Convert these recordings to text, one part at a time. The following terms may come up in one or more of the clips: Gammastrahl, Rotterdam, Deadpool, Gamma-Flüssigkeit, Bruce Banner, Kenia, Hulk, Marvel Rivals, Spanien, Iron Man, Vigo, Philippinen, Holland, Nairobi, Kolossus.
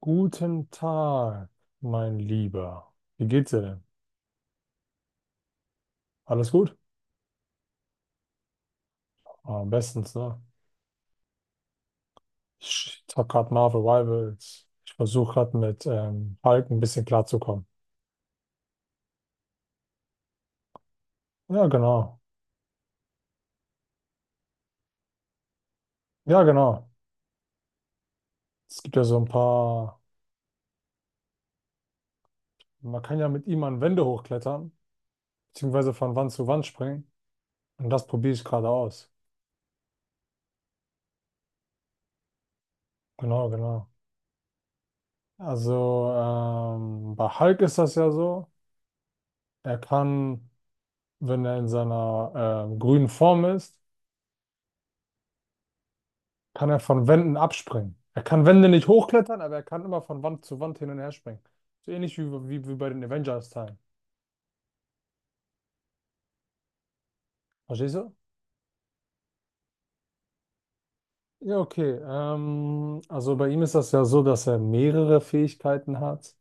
Guten Tag, mein Lieber. Wie geht's dir denn? Alles gut? Ah, bestens, ne? Ich hab gerade Marvel Rivals. Ich versuche gerade mit Hulk ein bisschen klarzukommen. Ja, genau. Ja, genau. Es gibt ja so ein paar. Man kann ja mit ihm an Wände hochklettern, beziehungsweise von Wand zu Wand springen. Und das probiere ich gerade aus. Genau, genau. Also bei Hulk ist das ja so. Er kann, wenn er in seiner grünen Form ist, kann er von Wänden abspringen. Er kann Wände nicht hochklettern, aber er kann immer von Wand zu Wand hin und her springen. So ähnlich wie, wie bei den Avengers-Teilen. Verstehst du? Ja, okay. Also bei ihm ist das ja so, dass er mehrere Fähigkeiten hat.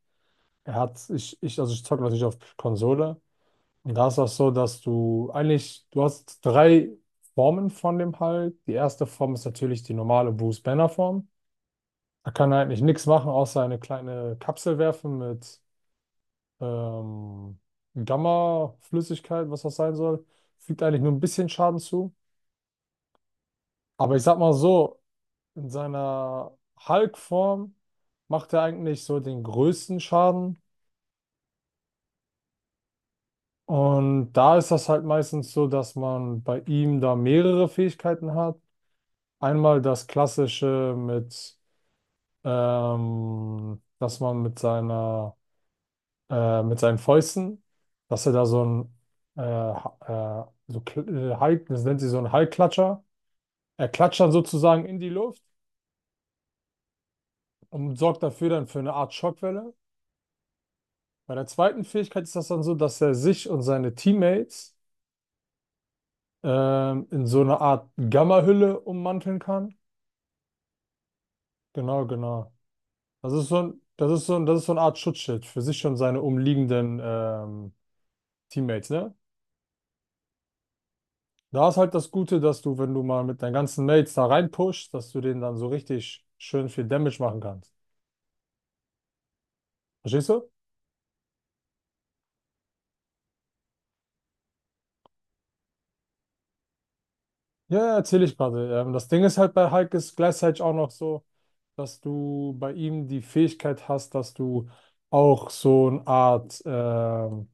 Er hat, ich, also ich zocke natürlich auf Konsole. Und da ist das so, dass du eigentlich, du hast drei Formen von dem Hulk. Die erste Form ist natürlich die normale Bruce Banner Form. Da kann er eigentlich nichts machen, außer eine kleine Kapsel werfen mit ähm, Gamma-Flüssigkeit, was das sein soll, fügt eigentlich nur ein bisschen Schaden zu. Aber ich sag mal so, in seiner Hulk-Form macht er eigentlich so den größten Schaden. Und da ist das halt meistens so, dass man bei ihm da mehrere Fähigkeiten hat. Einmal das klassische mit, dass man mit seiner mit seinen Fäusten, dass er da so ein, das nennt sie so ein Hallklatscher. Er klatscht dann sozusagen in die Luft und sorgt dafür dann für eine Art Schockwelle. Bei der zweiten Fähigkeit ist das dann so, dass er sich und seine Teammates in so eine Art Gamma-Hülle ummanteln kann. Genau, genau. Das ist so eine Art Schutzschild für sich und seine umliegenden Teammates, ne? Da ist halt das Gute, dass du, wenn du mal mit deinen ganzen Mates da reinpushst, dass du denen dann so richtig schön viel Damage machen kannst. Verstehst du? Ja, ja, erzähl ich gerade. Das Ding ist halt bei Hulk ist gleichzeitig auch noch so, dass du bei ihm die Fähigkeit hast, dass du auch so eine Art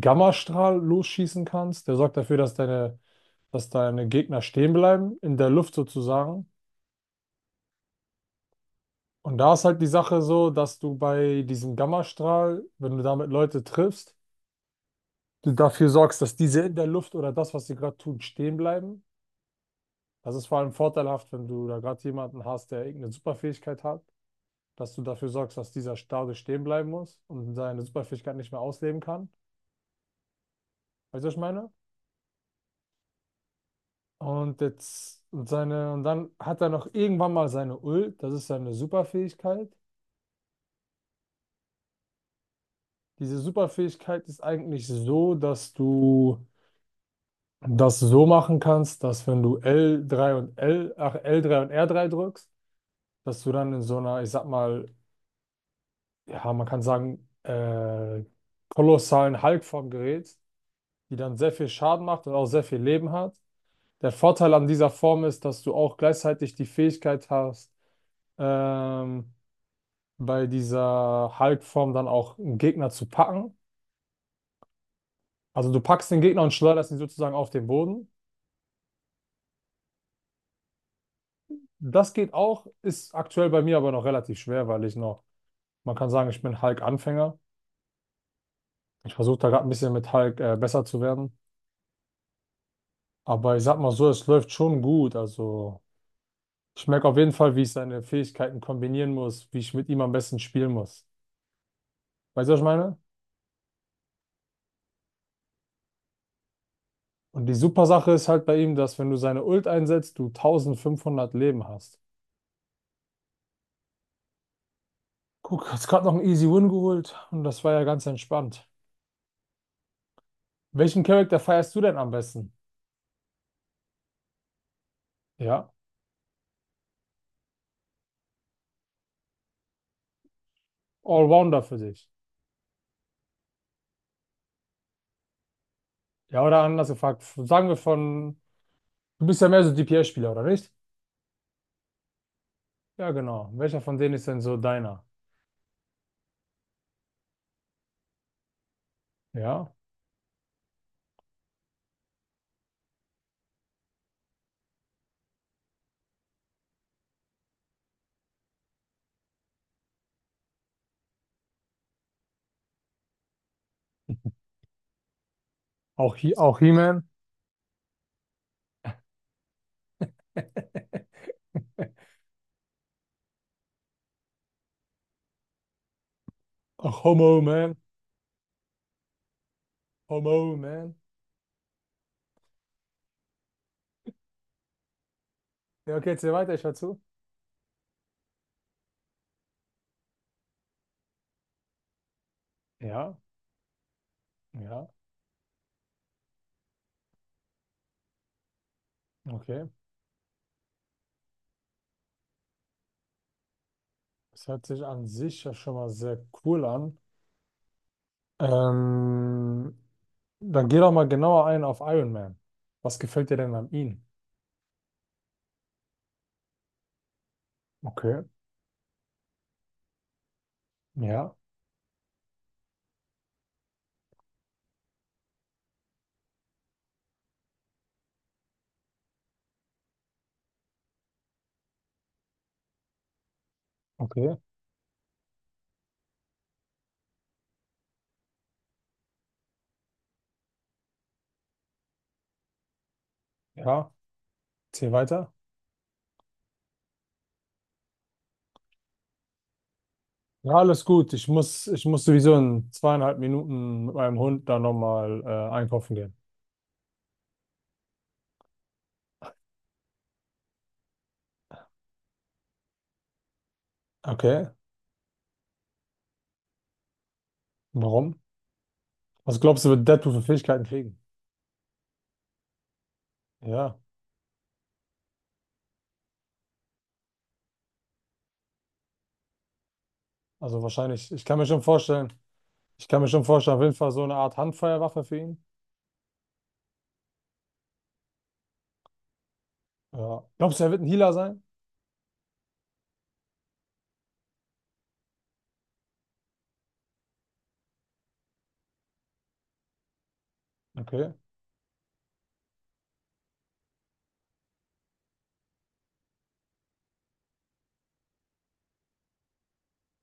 Gammastrahl losschießen kannst. Der sorgt dafür, dass deine Gegner stehen bleiben, in der Luft sozusagen. Und da ist halt die Sache so, dass du bei diesem Gammastrahl, wenn du damit Leute triffst, du dafür sorgst, dass diese in der Luft oder das, was sie gerade tun, stehen bleiben. Das ist vor allem vorteilhaft, wenn du da gerade jemanden hast, der irgendeine Superfähigkeit hat, dass du dafür sorgst, dass dieser dadurch stehen bleiben muss und seine Superfähigkeit nicht mehr ausleben kann. Weißt du, was ich meine? Und jetzt und seine und dann hat er noch irgendwann mal seine Ult, das ist seine Superfähigkeit. Diese Superfähigkeit ist eigentlich so, dass du das so machen kannst, dass wenn du L3 und R3 drückst, dass du dann in so einer, ich sag mal, ja, man kann sagen, kolossalen Hulk vom Gerät, die dann sehr viel Schaden macht und auch sehr viel Leben hat. Der Vorteil an dieser Form ist, dass du auch gleichzeitig die Fähigkeit hast, ähm, bei dieser Hulk-Form dann auch einen Gegner zu packen. Also du packst den Gegner und schleuderst ihn sozusagen auf den Boden. Das geht auch, ist aktuell bei mir aber noch relativ schwer, weil ich noch, man kann sagen, ich bin Hulk-Anfänger. Ich versuche da gerade ein bisschen mit Hulk besser zu werden. Aber ich sag mal so, es läuft schon gut. Also ich merke auf jeden Fall, wie ich seine Fähigkeiten kombinieren muss, wie ich mit ihm am besten spielen muss. Weißt du, was ich meine? Und die super Sache ist halt bei ihm, dass wenn du seine Ult einsetzt, du 1500 Leben hast. Guck, hast gerade noch einen Easy Win geholt und das war ja ganz entspannt. Welchen Charakter feierst du denn am besten? Ja, Allrounder für dich. Ja, oder anders gefragt, sagen wir von, du bist ja mehr so DPS-Spieler, oder nicht? Ja, genau. Welcher von denen ist denn so deiner? Ja, auch, He, auch He-Man, auch Homo-Man, Homo-Man. Ja, okay, erzähl weiter, ich hör zu. Ja, ja, okay. Das hört sich an sich ja schon mal sehr cool an. Ähm, dann geh doch mal genauer ein auf Iron Man. Was gefällt dir denn an ihm? Okay, ja, okay, ja, erzähl weiter. Ja, alles gut. Ich muss sowieso in zweieinhalb Minuten mit meinem Hund da nochmal einkaufen gehen. Okay, warum? Was glaubst du, wird Deadpool für Fähigkeiten kriegen? Ja, also wahrscheinlich. Ich kann mir schon vorstellen, auf jeden Fall so eine Art Handfeuerwaffe für ihn. Ja. Glaubst du, er wird ein Healer sein? Okay.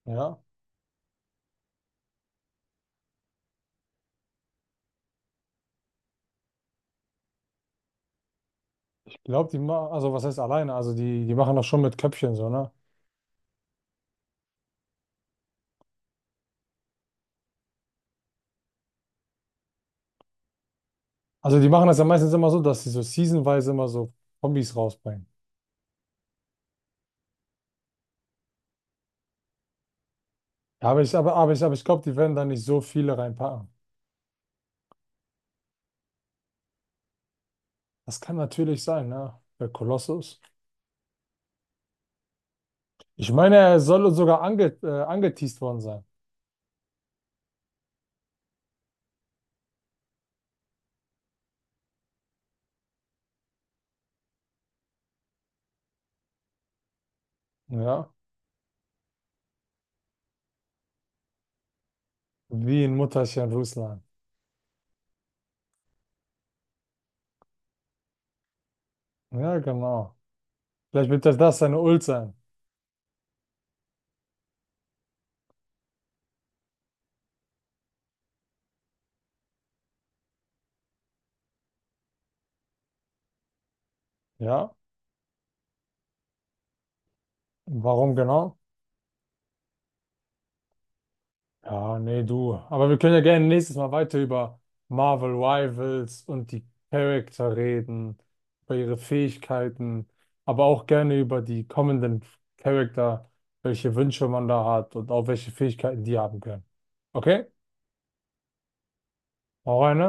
Ja. Ich glaube, die machen, also was heißt alleine? Also die machen das schon mit Köpfchen so, ne? Also die machen das ja meistens immer so, dass sie so seasonweise immer so Kombis rausbringen. Ja, aber ich glaube, die werden da nicht so viele reinpacken. Das kann natürlich sein, ne? Bei Kolossus. Ich meine, er soll sogar angeteased worden sein. Ja. Wie in Mutterchen Russland. Ja, genau. Vielleicht wird das seine Ult sein. Ja. Warum genau? Ja, nee, du. Aber wir können ja gerne nächstes Mal weiter über Marvel Rivals und die Charakter reden, über ihre Fähigkeiten, aber auch gerne über die kommenden Charakter, welche Wünsche man da hat und auch welche Fähigkeiten die haben können. Okay? Hau rein, ne?